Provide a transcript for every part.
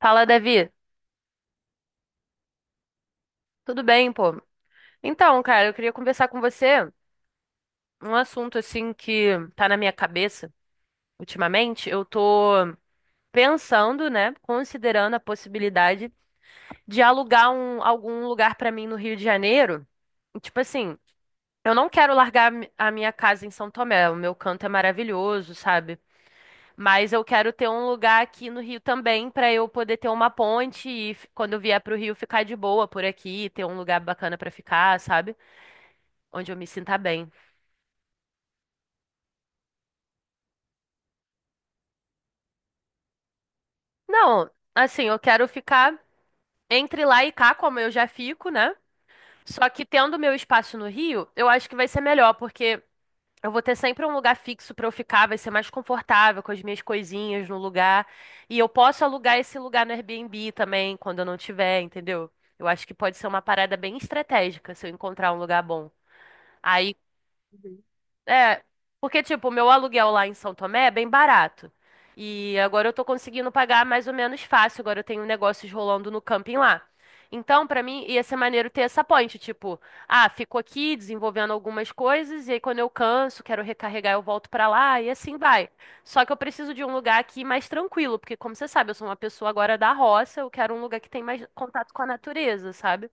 Fala, Davi. Tudo bem, pô? Então, cara, eu queria conversar com você um assunto assim que tá na minha cabeça ultimamente. Eu tô pensando, né, considerando a possibilidade de alugar algum lugar pra mim no Rio de Janeiro. Tipo assim, eu não quero largar a minha casa em São Tomé, o meu canto é maravilhoso, sabe? Mas eu quero ter um lugar aqui no Rio também pra eu poder ter uma ponte quando eu vier pro Rio ficar de boa por aqui, ter um lugar bacana pra ficar, sabe? Onde eu me sinta bem. Não, assim, eu quero ficar entre lá e cá, como eu já fico, né? Só que tendo meu espaço no Rio, eu acho que vai ser melhor, porque eu vou ter sempre um lugar fixo pra eu ficar, vai ser mais confortável com as minhas coisinhas no lugar. E eu posso alugar esse lugar no Airbnb também, quando eu não tiver, entendeu? Eu acho que pode ser uma parada bem estratégica se eu encontrar um lugar bom. Aí. É, porque, tipo, o meu aluguel lá em São Tomé é bem barato. E agora eu tô conseguindo pagar mais ou menos fácil. Agora eu tenho negócios rolando no camping lá. Então, pra mim, ia ser maneiro ter essa ponte. Tipo, ah, fico aqui desenvolvendo algumas coisas. E aí, quando eu canso, quero recarregar, eu volto pra lá. E assim vai. Só que eu preciso de um lugar aqui mais tranquilo. Porque, como você sabe, eu sou uma pessoa agora da roça. Eu quero um lugar que tem mais contato com a natureza, sabe?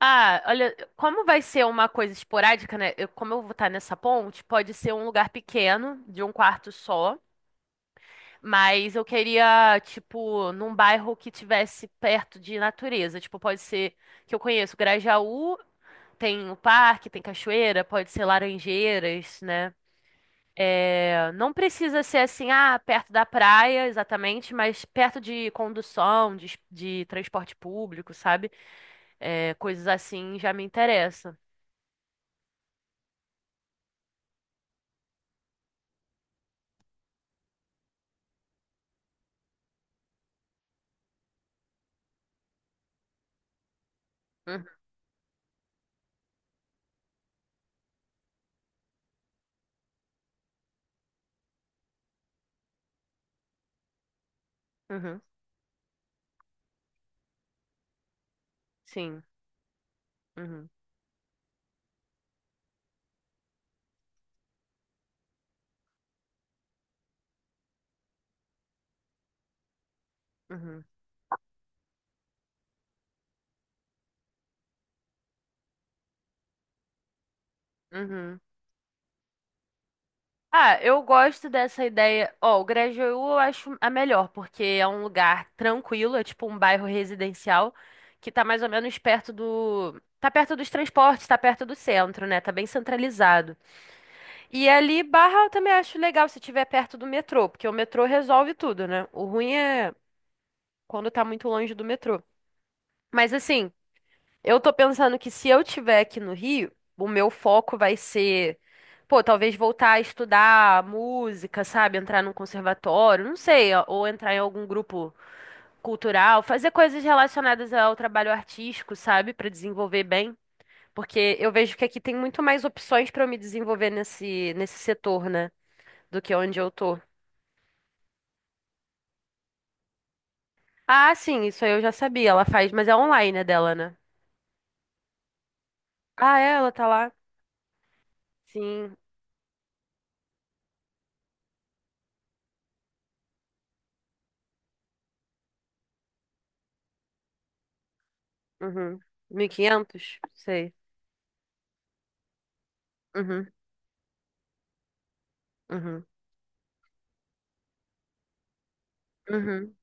Ah, olha, como vai ser uma coisa esporádica, né? Como eu vou estar nessa ponte, pode ser um lugar pequeno, de um quarto só, mas eu queria, tipo, num bairro que tivesse perto de natureza. Tipo, pode ser que eu conheço Grajaú, tem o parque, tem cachoeira, pode ser Laranjeiras, né? É, não precisa ser assim, ah, perto da praia, exatamente, mas perto de condução, de transporte público, sabe? É, coisas assim já me interessam. Uhum. Uhum. Sim. Uhum. Uhum. Uhum. Ah, eu gosto dessa ideia. Ó, o Grajaú eu acho a melhor, porque é um lugar tranquilo, é tipo um bairro residencial que tá mais ou menos perto do. Tá perto dos transportes, tá perto do centro, né? Tá bem centralizado. E ali, Barra, eu também acho legal se tiver perto do metrô, porque o metrô resolve tudo, né? O ruim é quando tá muito longe do metrô. Mas assim. Eu tô pensando que se eu tiver aqui no Rio, o meu foco vai ser, pô, talvez voltar a estudar música, sabe? Entrar num conservatório, não sei, ó, ou entrar em algum grupo cultural, fazer coisas relacionadas ao trabalho artístico, sabe? Pra desenvolver bem. Porque eu vejo que aqui tem muito mais opções pra eu me desenvolver nesse setor, né? Do que onde eu tô. Ah, sim, isso aí eu já sabia. Ela faz, mas é online, né, dela, né? Ah, é? Ela tá lá? Sim. Uhum. 1500, sei. Uhum. Uhum. Uhum.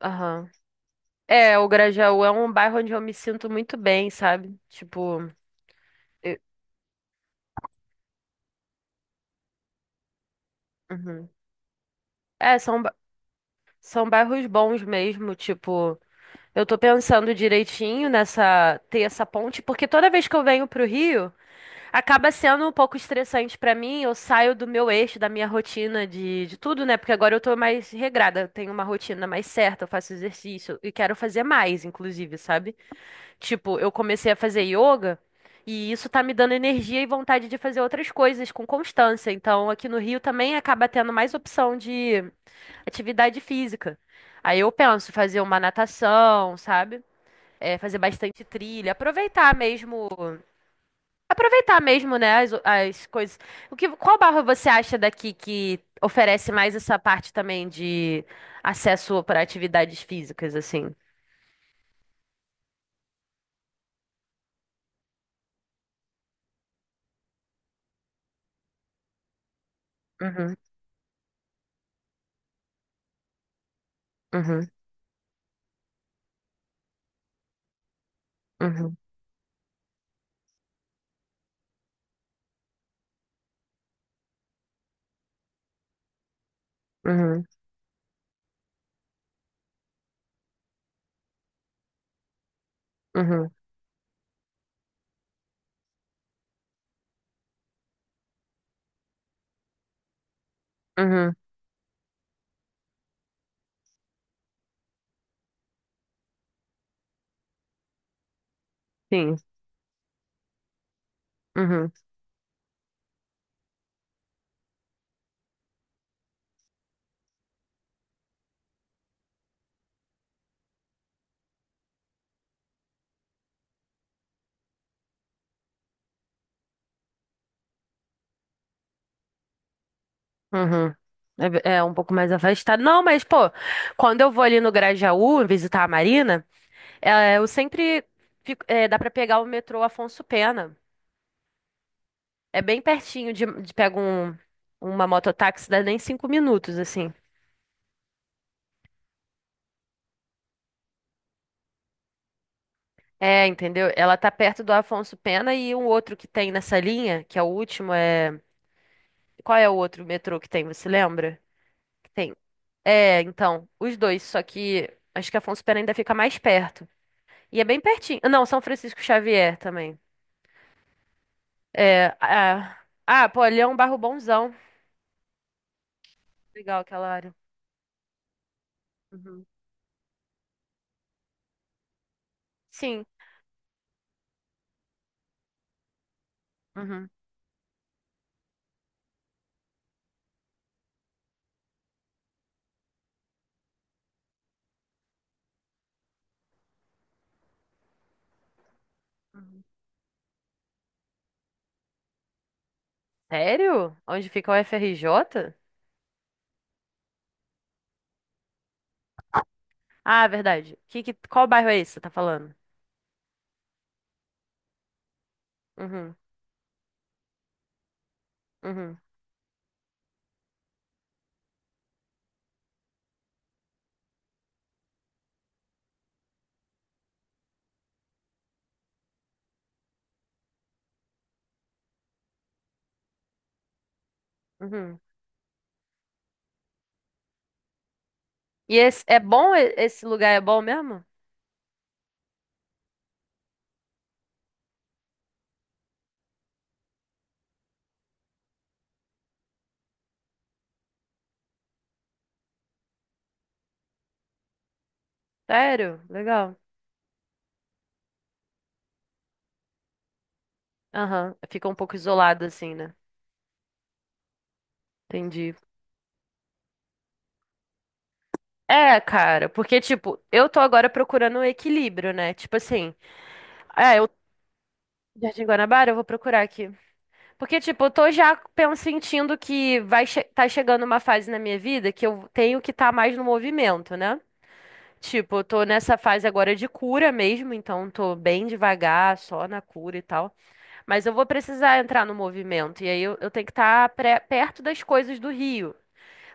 Aham. É, o Grajaú é um bairro onde eu me sinto muito bem, sabe? Tipo, eu- uhum. É, são bairros bons mesmo, tipo, eu tô pensando direitinho nessa, ter essa ponte, porque toda vez que eu venho pro Rio, acaba sendo um pouco estressante pra mim, eu saio do meu eixo, da minha rotina de tudo, né? Porque agora eu tô mais regrada, eu tenho uma rotina mais certa, eu faço exercício e quero fazer mais, inclusive, sabe? Tipo, eu comecei a fazer yoga e isso tá me dando energia e vontade de fazer outras coisas com constância. Então, aqui no Rio também acaba tendo mais opção de atividade física. Aí eu penso fazer uma natação, sabe? É, fazer bastante trilha, aproveitar mesmo, né, as coisas. O que, qual barra você acha daqui que oferece mais essa parte também de acesso para atividades físicas, assim? Uhum, uhum, uhum, uhum, uhum, uhum, uhum. Sim. Uhum. Uhum. É, é um pouco mais afastado. Não, mas, pô, quando eu vou ali no Grajaú visitar a Marina, é, eu sempre é, dá pra pegar o metrô Afonso Pena. É bem pertinho de pega um, uma mototáxi, dá nem 5 minutos, assim. É, entendeu? Ela tá perto do Afonso Pena e um outro que tem nessa linha, que é o último, é. Qual é o outro metrô que tem, você lembra? Que tem. É, então, os dois, só que acho que Afonso Pena ainda fica mais perto. E é bem pertinho. Não, São Francisco Xavier também. É, ah, ah, pô, ali é um bairro bonzão. Legal aquela área. Uhum. Sim. Uhum. Uhum. Sério? Onde fica o FRJ? Ah, verdade. Qual bairro é esse que você tá falando? Uhum, uhum, uhum. E esse, é bom? Esse lugar é bom mesmo? Sério? Legal. Aham. Fica um pouco isolado assim, né? Entendi. É, cara, porque, tipo, eu tô agora procurando um equilíbrio, né? Tipo assim, ah, eu. Jardim Guanabara, eu vou procurar aqui. Porque, tipo, eu tô já sentindo que tá chegando uma fase na minha vida que eu tenho que estar mais no movimento, né? Tipo, eu tô nessa fase agora de cura mesmo, então tô bem devagar, só na cura e tal. Mas eu vou precisar entrar no movimento, e aí eu tenho que estar perto das coisas do Rio.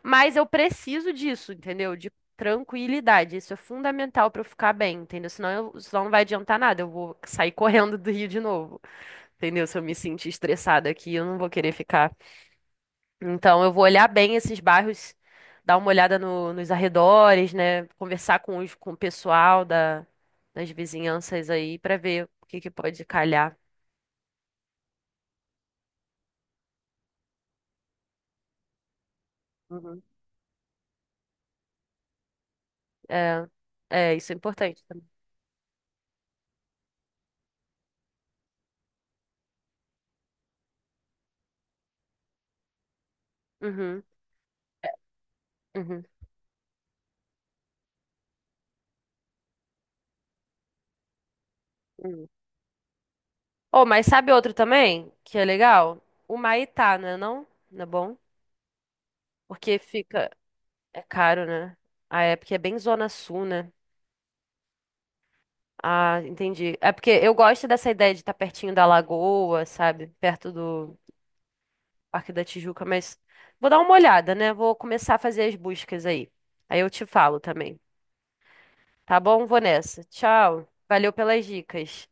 Mas eu preciso disso, entendeu? De tranquilidade. Isso é fundamental pra eu ficar bem, entendeu? Senão, senão não vai adiantar nada, eu vou sair correndo do Rio de novo, entendeu? Se eu me sentir estressada aqui, eu não vou querer ficar. Então, eu vou olhar bem esses bairros, dar uma olhada nos arredores, né? Conversar com o pessoal das vizinhanças aí pra ver o que que pode calhar. Uhum. É, é, isso é importante também. Uhum, uhum, uhum. Oh, mas sabe outro também que é legal? O Maitá, né? Não? Não é bom? Porque fica. É caro, né? Ah, é porque é bem Zona Sul, né? Ah, entendi. É porque eu gosto dessa ideia de estar pertinho da lagoa, sabe? Perto do. Parque da Tijuca, mas vou dar uma olhada, né? Vou começar a fazer as buscas aí. Aí eu te falo também. Tá bom? Vou nessa. Tchau. Valeu pelas dicas.